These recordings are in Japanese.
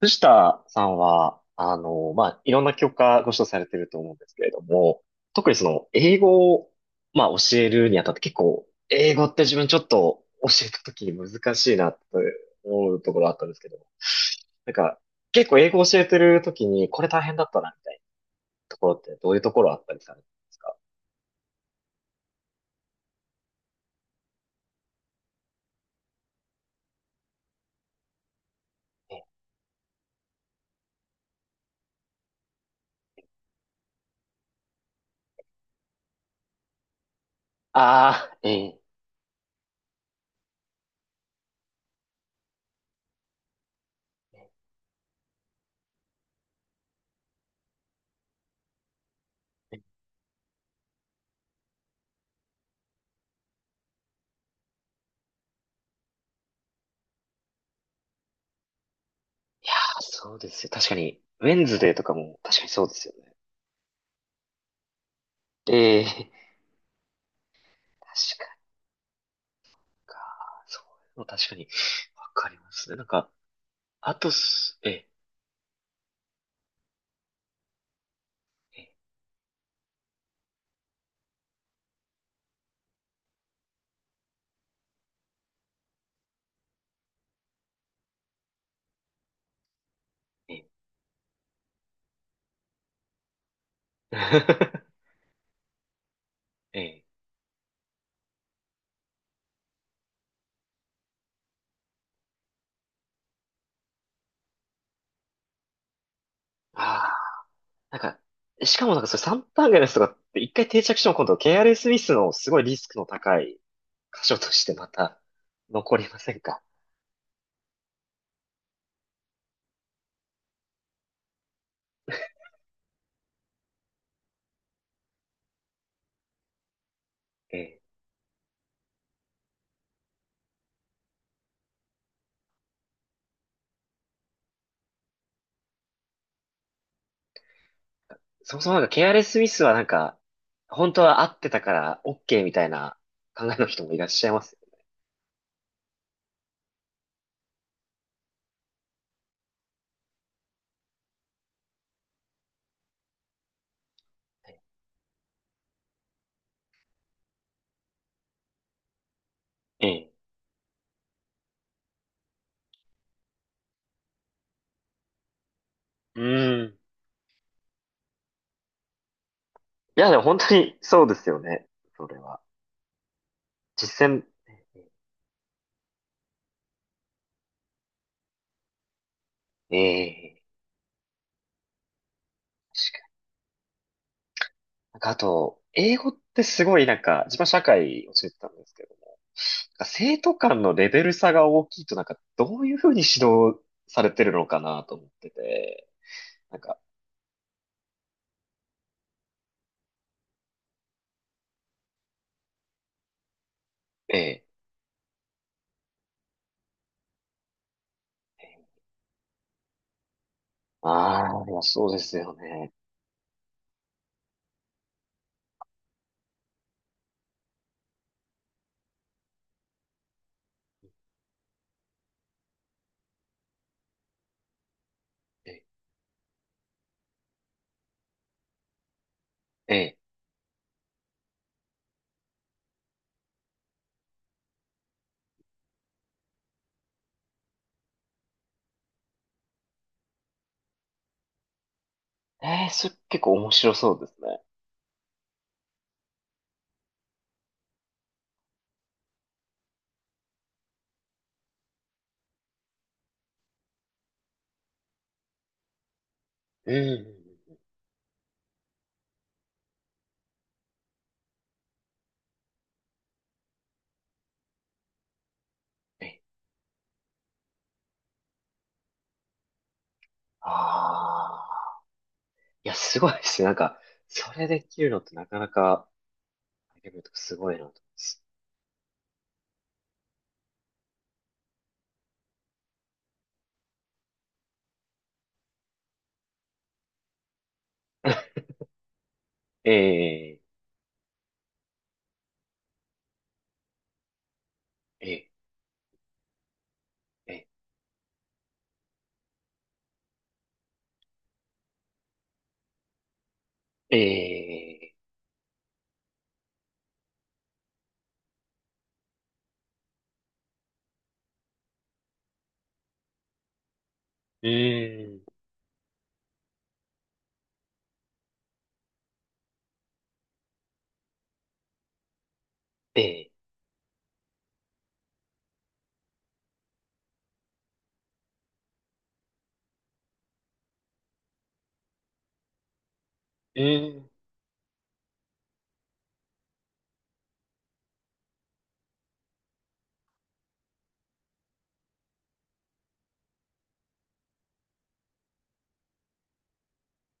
藤田さんは、まあ、いろんな教科ご指導されてると思うんですけれども、特に英語を、まあ、教えるにあたって結構、英語って自分ちょっと教えた時に難しいなって思うところあったんですけど、なんか、結構英語教えてる時にこれ大変だったなみたいなところってどういうところあったりされるんですか？ああー、ええ。あ、そうですよ。確かに、ウェンズデーとかも確かにそうですよね。ええ。確かに。そういうの確かに、わかりますね。なんか、あとええ、ええ、ええ、ええ、ああ、なんか、しかもなんかそれ3段階のやつとかって一回定着しても今度ケーアレスミスのすごいリスクの高い箇所としてまた 残りませんか？ええ、そもそもなんか KRS スミスはなんか、本当は合ってたから OK みたいな考えの人もいらっしゃいますよね。ええ。うーん。いや、でも本当にそうですよね。それは。実践、ええ。なんかあと、英語ってすごいなんか、自分は社会を教えてたんですけども、なんか生徒間のレベル差が大きいとなんか、どういうふうに指導されてるのかなと思ってて、なんか、ええ、ああ、いやそうですよね。ええ、ええ、ええそれ結構面白そうですね。うんうんうん。ええ、ああ、いや、すごいですね。なんか、それできるのってなかなか、レベルとかすごいなと思います。ええ、ええ、ええ、ええ、うーん。えええ。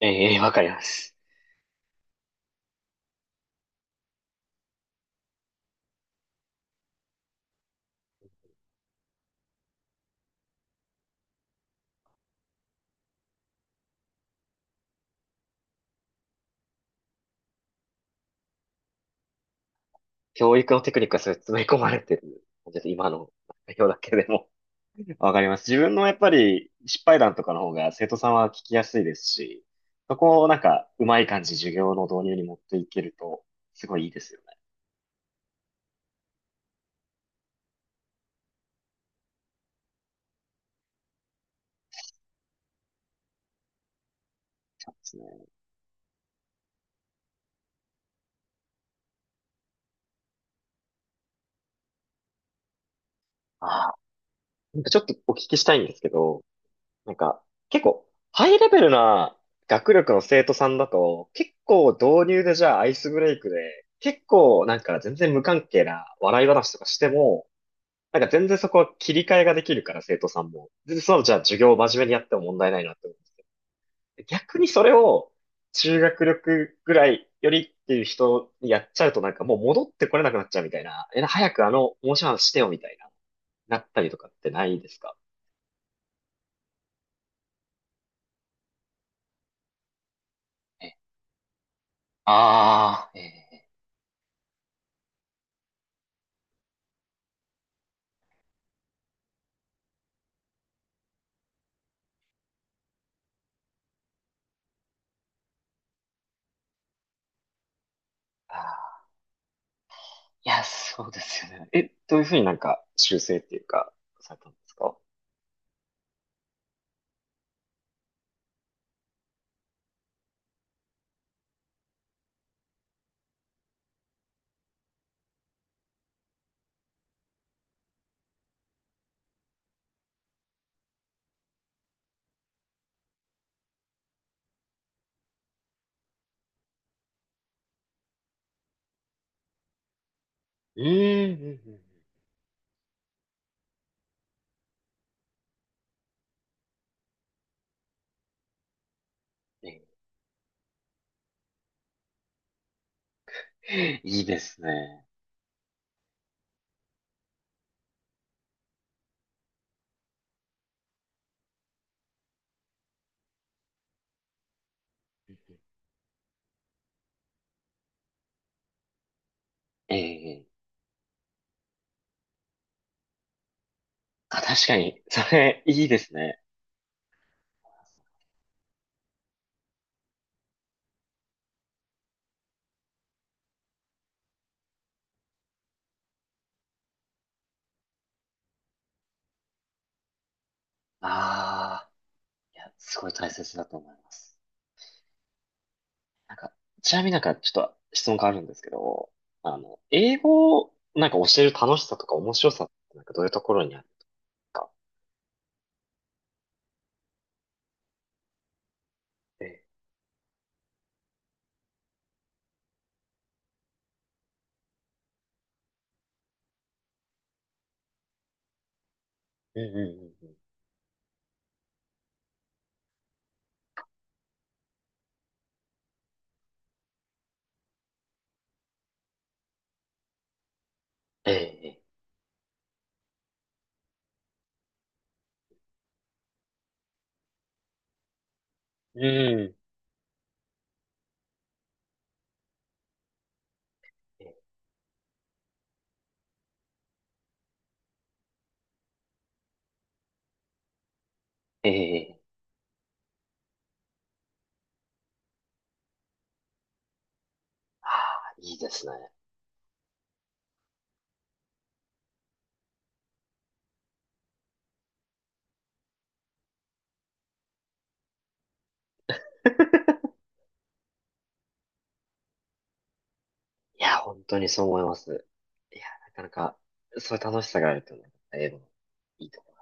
え、ええ、わかります。教育のテクニックがすごい詰め込まれてる。ちょっと今の内容だけでも わかります。自分のやっぱり失敗談とかの方が生徒さんは聞きやすいですし、そこをなんかうまい感じ授業の導入に持っていけると、すごいいいですよね。ですね。ああ、なんかちょっとお聞きしたいんですけど、なんか、結構、ハイレベルな学力の生徒さんだと、結構導入でじゃあアイスブレイクで、結構なんか全然無関係な笑い話とかしても、なんか全然そこは切り替えができるから生徒さんも。全然そのじゃあ授業を真面目にやっても問題ないなって思うんです。逆にそれを中学力ぐらいよりっていう人にやっちゃうとなんかもう戻ってこれなくなっちゃうみたいな。え、早く面白い話してよみたいな、なったりとかってないですか？え、ああ、えー、あー、いや、そうですよね。え、どういうふうになんか修正っていうか、されたんですか？うん、うん、うんうん。ええいいですね。ええ、あ、確かに、それ、いいですね。ああ、いや、すごい大切だと思います。なんか、ちなみになんかちょっと質問があるんですけど、英語をなんか教える楽しさとか面白さってなんかどういうところにあるんですか？ええうんうんうんうん。ええうん。ええええ。ああ、いいですね。いや、本当にそう思います。いや、なかなか、そういう楽しさがあるというのは、英語のいいところ